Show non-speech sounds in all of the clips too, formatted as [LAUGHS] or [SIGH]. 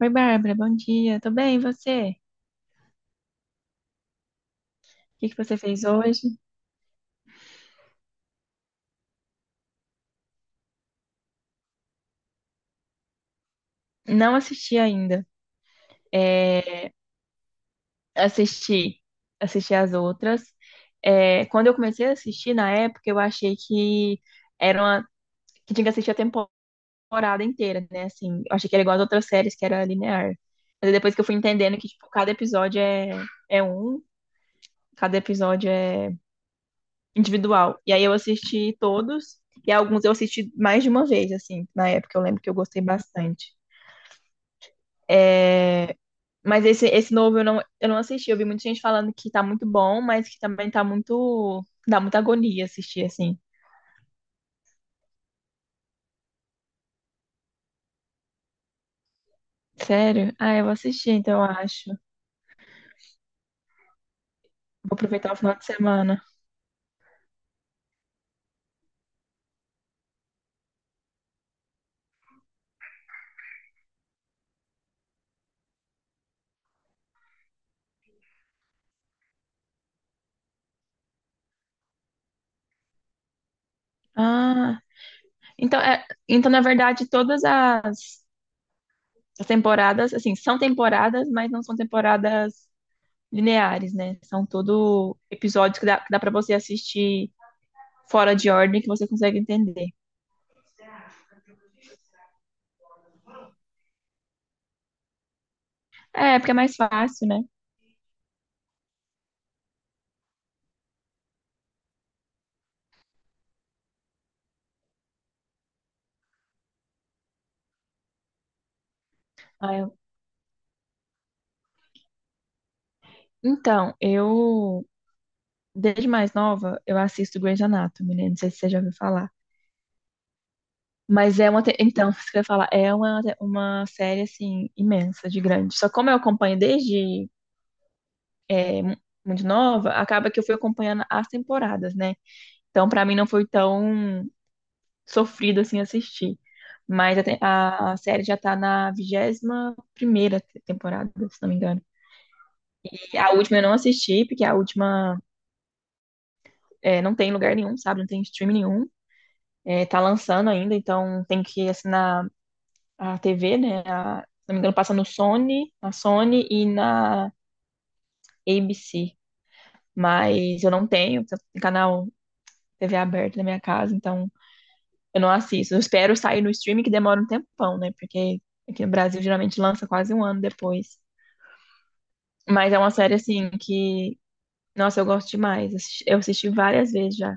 Oi, Bárbara, bom dia. Tô bem, e você? O que que você fez hoje? Não assisti ainda. É, assisti, assisti as outras. Quando eu comecei a assistir na época, eu achei que era uma, que tinha que assistir a temporada inteira, né? Assim, eu achei que era igual às outras séries, que era linear. Mas depois que eu fui entendendo que tipo, é um, cada episódio é individual. E aí eu assisti todos, e alguns eu assisti mais de uma vez, assim, na época. Eu lembro que eu gostei bastante. É, mas esse novo eu não assisti. Eu vi muita gente falando que tá muito bom, mas que também tá muito. Dá muita agonia assistir, assim. Sério? Ah, eu vou assistir, então eu acho. Vou aproveitar o final de semana. Ah, então, é, então na verdade, as temporadas, assim, são temporadas, mas não são temporadas lineares, né? São tudo episódios que dá para você assistir fora de ordem, que você consegue entender. É, porque é mais fácil, né? Ah, eu- então, eu. Desde mais nova, eu assisto Grey's Anatomy, né? Não sei se você já ouviu falar. Então, [LAUGHS] isso que eu ia falar, é uma série, assim, imensa, de grande. Só como eu acompanho desde é, mu- muito nova, acaba que eu fui acompanhando as temporadas, né? Então, pra mim, não foi tão sofrido, assim, assistir. Mas a, te- a série já tá na vigésima primeira temporada, se não me engano. E a última eu não assisti, porque a última é, não tem em lugar nenhum, sabe? Não tem stream nenhum. É, tá lançando ainda, então tem que assinar a TV, né? A, se não me engano, passa no Sony, na Sony e na ABC. Mas eu não tenho, porque eu tenho canal TV aberto na minha casa, então eu não assisto. Eu espero sair no streaming, que demora um tempão, né? Porque aqui no Brasil geralmente lança quase um ano depois. Mas é uma série, assim, que, nossa, eu gosto demais. Eu assisti várias vezes já.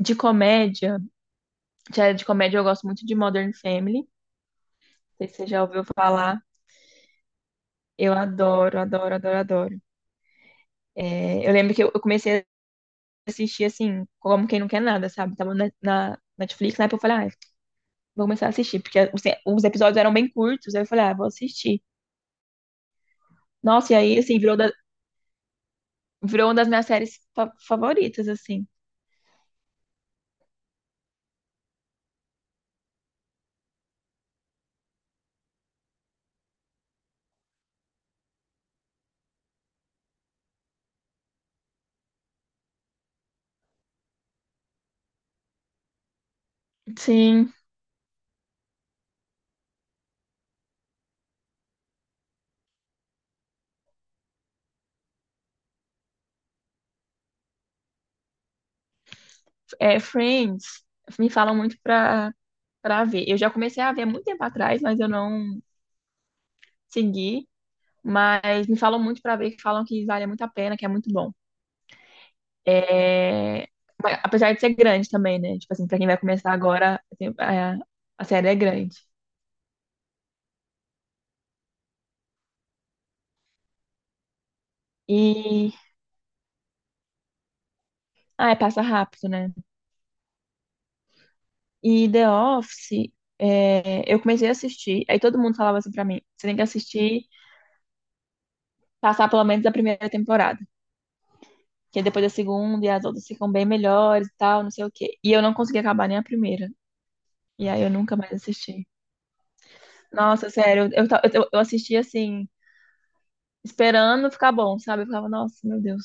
De comédia, série de comédia eu gosto muito de Modern Family. Não sei se você já ouviu falar. Eu adoro, adoro, adoro, adoro. É, eu lembro eu comecei a assistir assim, como quem não quer nada, sabe? Tava na Netflix, na época eu falei, ah, vou começar a assistir, porque os episódios eram bem curtos, aí eu falei, ah, vou assistir. Nossa, e aí, assim, virou uma das minhas séries favoritas, assim. Sim, é, Friends, me falam pra ver. Eu já comecei a ver há muito tempo atrás, mas eu não segui. Mas me falam muito para ver, que falam que vale muito a pena, que é muito bom. É... Mas apesar de ser grande também, né? Tipo assim, pra quem vai começar agora, assim, é, a série é grande. E. Ah, é, passa rápido, né? E The Office, é, eu comecei a assistir, aí todo mundo falava assim pra mim: você tem que assistir, passar pelo menos a primeira temporada, que depois da segunda e as outras ficam bem melhores e tal, não sei o quê. E eu não consegui acabar nem a primeira. E aí eu nunca mais assisti. Nossa, sério, eu assisti assim, esperando ficar bom, sabe? Eu ficava, nossa, meu Deus.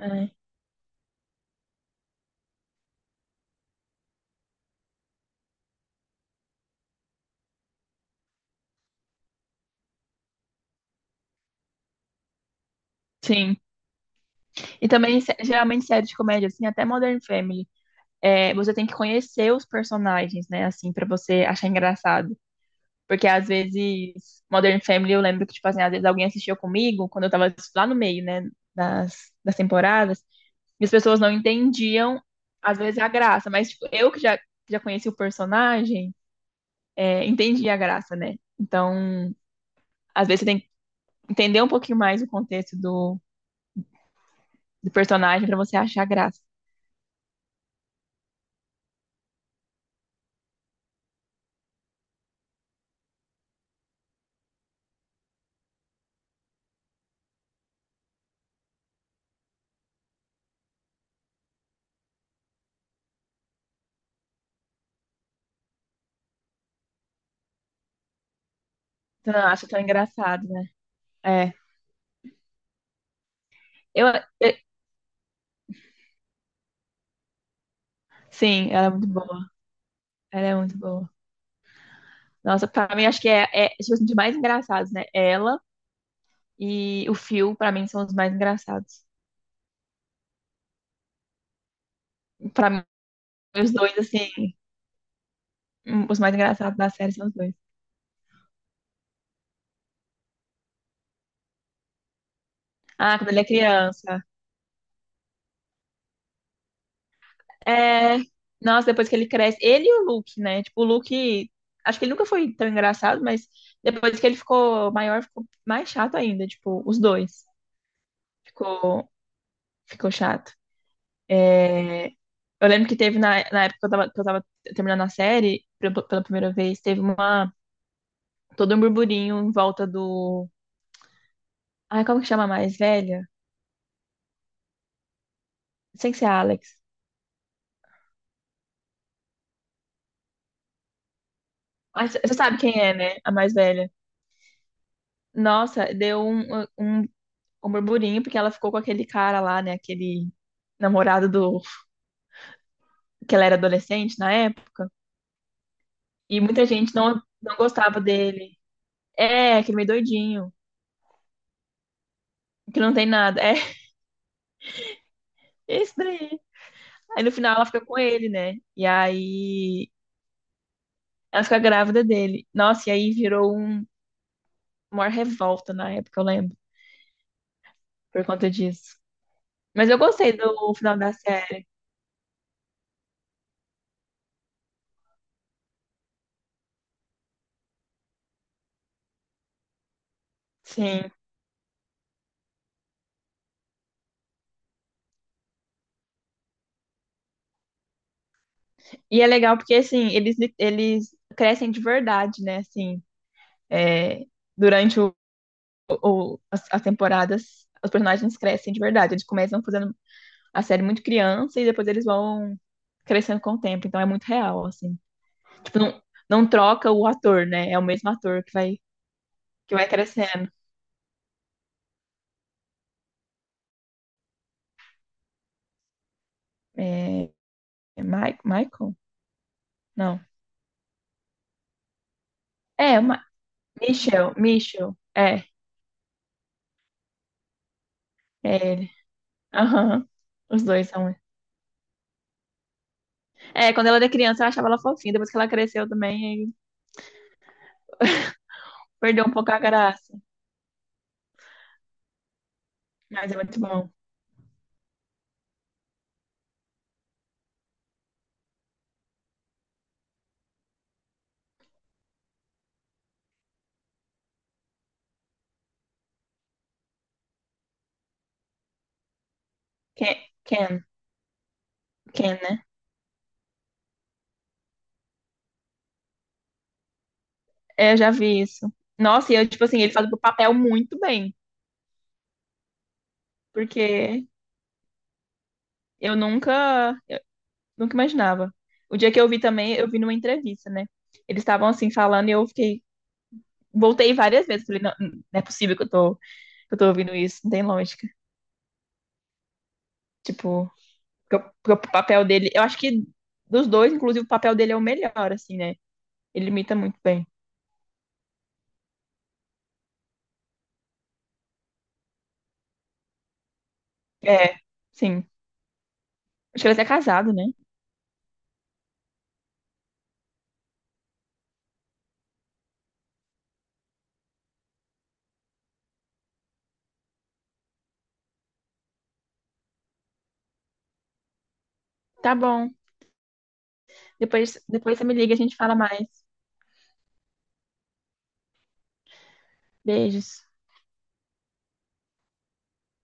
É, sim. E também, geralmente, série de comédia, assim, até Modern Family, é, você tem que conhecer os personagens, né, assim, pra você achar engraçado. Porque, às vezes, Modern Family, eu lembro que, tipo assim, às vezes alguém assistiu comigo, quando eu tava lá no meio, né, das temporadas, e as pessoas não entendiam, às vezes, a graça. Mas, tipo, já conheci o personagem, é, entendi a graça, né? Então, às vezes, você tem que entender um pouquinho mais o contexto do do personagem pra você achar graça. Tu não acha tão engraçado, né? É. Eu, eu- sim, ela é muito boa. Ela é muito boa. Nossa, pra mim acho que é, é tipo assim, de mais engraçados, né? Ela e o Phil, pra mim, são os mais engraçados. Pra mim, os dois, assim, os mais engraçados da série são os dois. Ah, quando ele é criança. É. Nossa, depois que ele cresce. Ele e o Luke, né? Tipo, o Luke. Acho que ele nunca foi tão engraçado, mas depois que ele ficou maior, ficou mais chato ainda. Tipo, os dois. Ficou, ficou chato. É, eu lembro que teve na época que eu tava terminando a série, pela pela primeira vez, teve uma, todo um burburinho em volta do. Ai, como que chama a mais velha? Sem ser a Alex. Mas você sabe quem é, né? A mais velha. Nossa, um burburinho, porque ela ficou com aquele cara lá, né? Aquele namorado do. Que ela era adolescente na época. E muita gente não, não gostava dele. É, aquele meio doidinho. Que não tem nada. É, [LAUGHS] isso daí. Aí no final ela fica com ele, né? E aí ela fica grávida dele. Nossa, e aí virou um, uma revolta na época, eu lembro, por conta disso. Mas eu gostei do final da série, sim. E é legal porque, assim, eles crescem de verdade, né? Assim, é, durante as temporadas, os personagens crescem de verdade. Eles começam fazendo a série muito criança e depois eles vão crescendo com o tempo. Então é muito real, assim. Tipo, não, não troca o ator, né? É o mesmo ator que vai crescendo. É, é Michael? Não. É, Ma Michel, Michel. É, é ele. Aham. Os dois são. É, quando ela era criança, eu achava ela fofinha. Depois que ela cresceu também, aí [LAUGHS] perdeu um pouco a graça. Mas é muito bom. Ken, Ken, Ken, né? É, eu já vi isso. Nossa, e eu, tipo assim, ele faz o papel muito bem. Porque eu nunca, nunca imaginava. O dia que eu vi também, eu vi numa entrevista, né? Eles estavam assim falando e eu fiquei, voltei várias vezes. Falei, não, não é possível que eu tô ouvindo isso, não tem lógica. Tipo, porque o porque o papel dele, eu acho que dos dois, inclusive, o papel dele é o melhor, assim, né? Ele imita muito bem. É, sim. Acho que ele é até casado, né? Tá bom. Depois você me liga, e a gente fala mais. Beijos.